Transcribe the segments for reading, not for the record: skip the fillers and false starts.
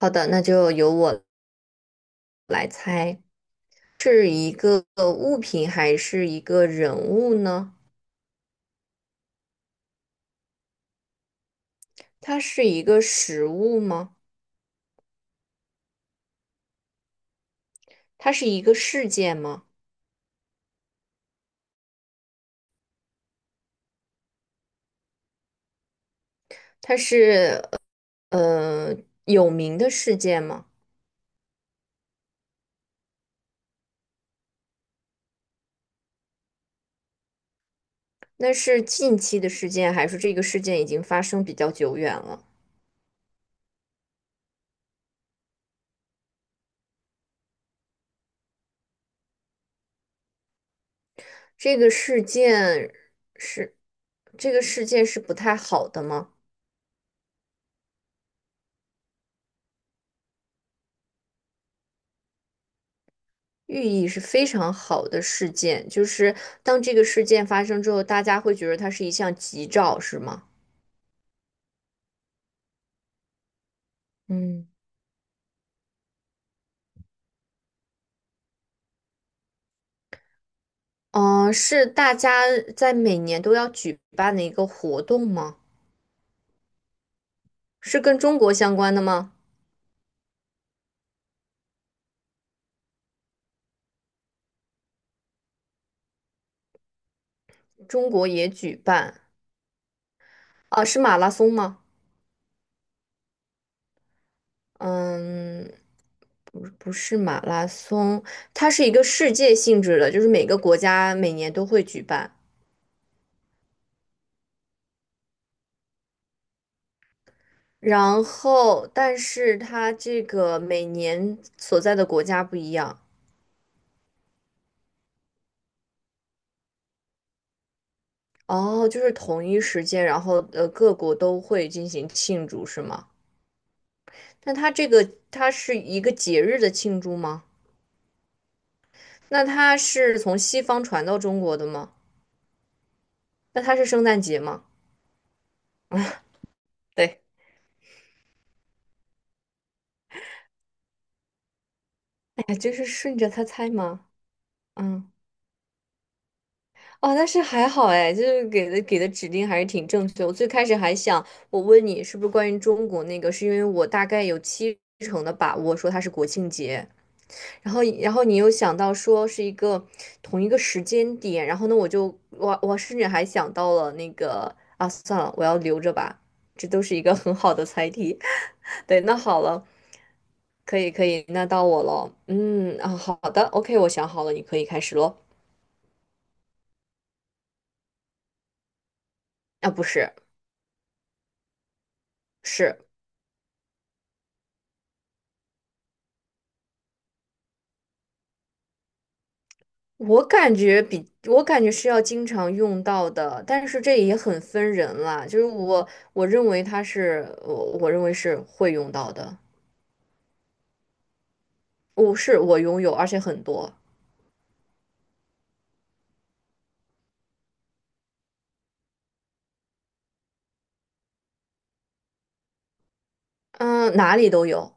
好的，那就由我来猜，是一个物品还是一个人物呢？它是一个实物吗？它是一个事件吗？它是呃有名的事件吗？那是近期的事件，还是这个事件已经发生比较久远了？这个事件是这个事件是不太好的吗？寓意是非常好的事件，就是当这个事件发生之后，大家会觉得它是一项吉兆，是吗？嗯，是大家在每年都要举办的一个活动吗？是跟中国相关的吗？中国也举办啊，是马拉松吗？嗯，不，不是马拉松，它是一个世界性质的，就是每个国家每年都会举办。然后，但是它这个每年所在的国家不一样哦，就是同一时间，然后各国都会进行庆祝，是吗？那它是一个节日的庆祝吗？那它是从西方传到中国的吗？那它是圣诞节吗？对，哎呀，就是顺着它猜吗？嗯。哦，但是还好哎，就是给的指令还是挺正确。我最开始还想，我问你是不是关于中国那个，是因为我大概有七成的把握说它是国庆节，然后你又想到说是同一个时间点，然后呢我就我我甚至还想到了那个啊，算了，我要留着吧，这都是一个很好的猜题。对，那好了，可以可以，那到我了。好的，OK，我想好了，你可以开始喽。啊，不是，是。我感觉是要经常用到的，但是这也很分人啦。就是我认为它是我认为是会用到的，我拥有，而且很多，嗯，哪里都有，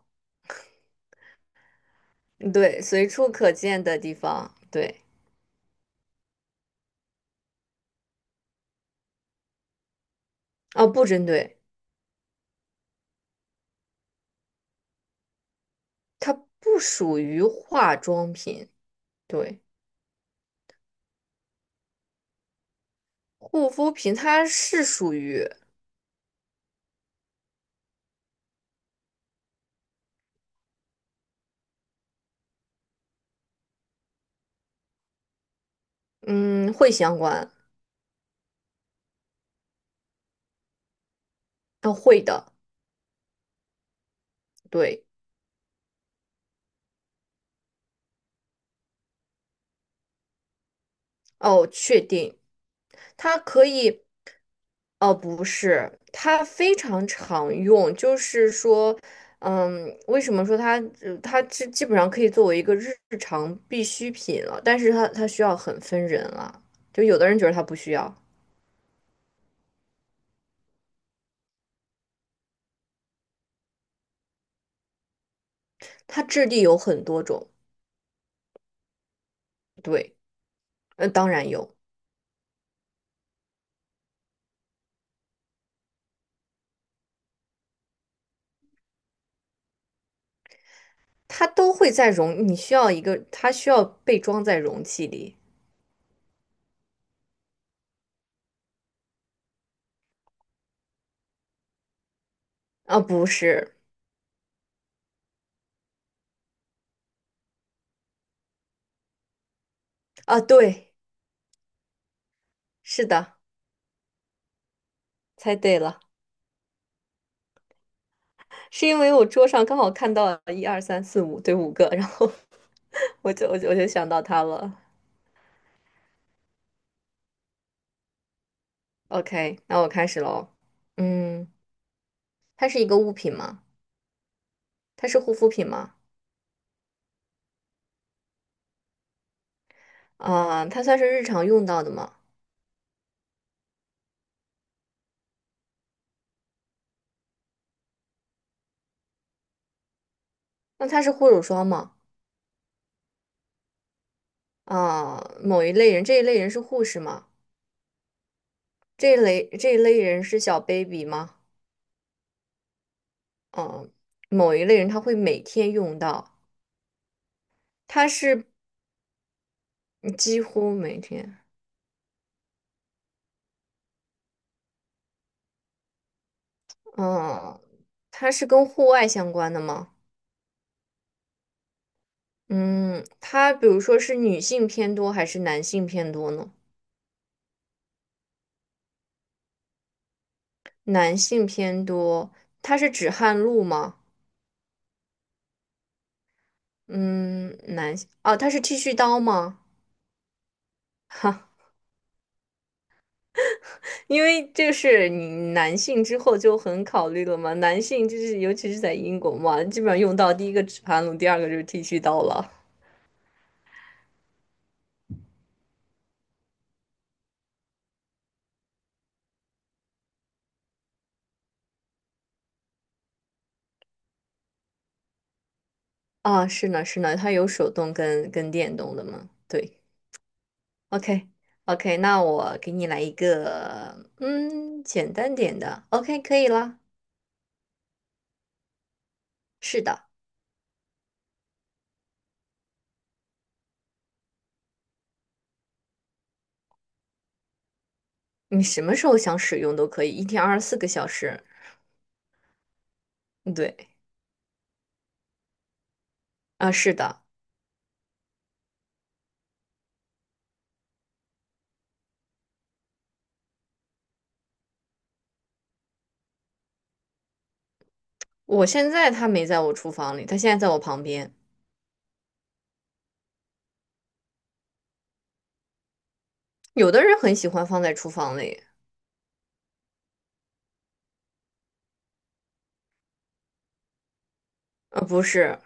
嗯对，随处可见的地方，对，啊，不针对，它不属于化妆品，对，护肤品它是属于嗯会相关，啊，会的，对。哦，确定，它可以，哦，不是，它非常常用，就是说，嗯，为什么说它，它基本上可以作为一个日常必需品了，但是它需要很分人啊，就有的人觉得它不需要，它质地有很多种，对，当然有，它都会在容，你需要一个，它需要被装在容器里，啊，不是，啊，对，是的，猜对了。是因为我桌上刚好看到了一二三四五，对，五个，然后 我就想到它了。OK，那我开始喽。嗯，它是一个物品吗？它是护肤品吗？啊、它算是日常用到的吗？那它是护手霜吗？啊、某一类人，这一类人是护士吗？这一类人是小 baby 吗？嗯、某一类人他会每天用到，它是嗯几乎每天。嗯、它是跟户外相关的吗？嗯，它比如说是女性偏多还是男性偏多呢？男性偏多，它是止汗露吗？嗯，男性，哦，它是剃须刀吗？哈，因为这是你男性之后就很考虑了嘛，男性就是尤其是在英国嘛，基本上用到第一个止汗露，第二个就是剃须刀了。啊，是呢，是呢，它有手动跟电动的嘛？对，OK。OK，那我给你来一个，嗯，简单点的。OK，可以啦。是的，你什么时候想使用都可以，一天24个小时。嗯对，啊，是的，我现在它没在我厨房里，它现在在我旁边。有的人很喜欢放在厨房里，不是，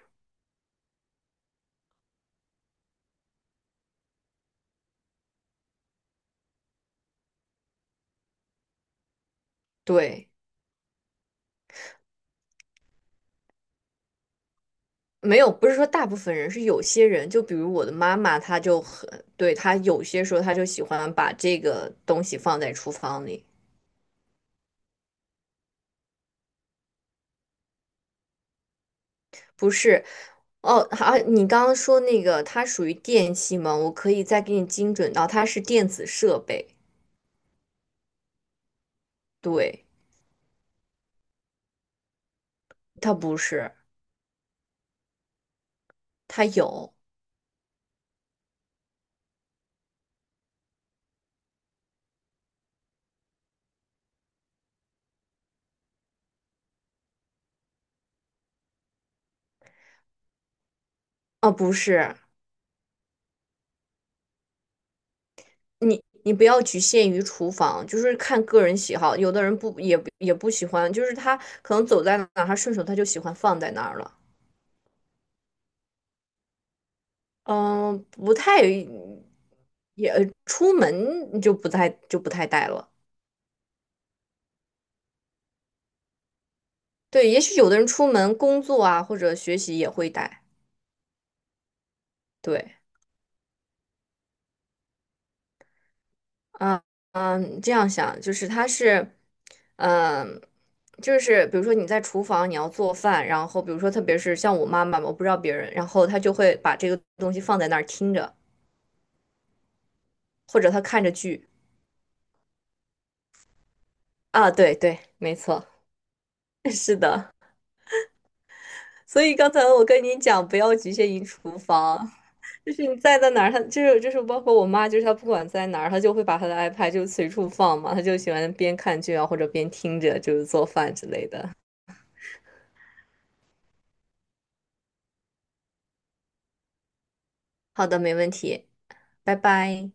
对，没有，不是说大部分人，是有些人，就比如我的妈妈，她就很，对，她有些时候她就喜欢把这个东西放在厨房里，不是。哦，好，你刚刚说那个它属于电器吗？我可以再给你精准到它是电子设备，对，它不是。它有啊，不是你不要局限于厨房，就是看个人喜好。有的人不喜欢，就是他可能走在哪儿，他顺手就喜欢放在那儿了。嗯，不太也出门就不太带了。对，也许有的人出门工作啊或者学习也会带。对。嗯嗯，这样想就是他是，嗯，就是比如说你在厨房你要做饭，然后比如说特别是像我妈妈嘛，我不知道别人，然后她就会把这个东西放在那儿听着，或者她看着剧啊，对对，没错，是的。所以刚才我跟你讲，不要局限于厨房，就是你在哪儿，她就是包括我妈，就是她不管在哪儿，她就会把她的 iPad 就随处放嘛，她就喜欢边看剧啊或者边听着就是做饭之类的。好的，没问题。拜拜。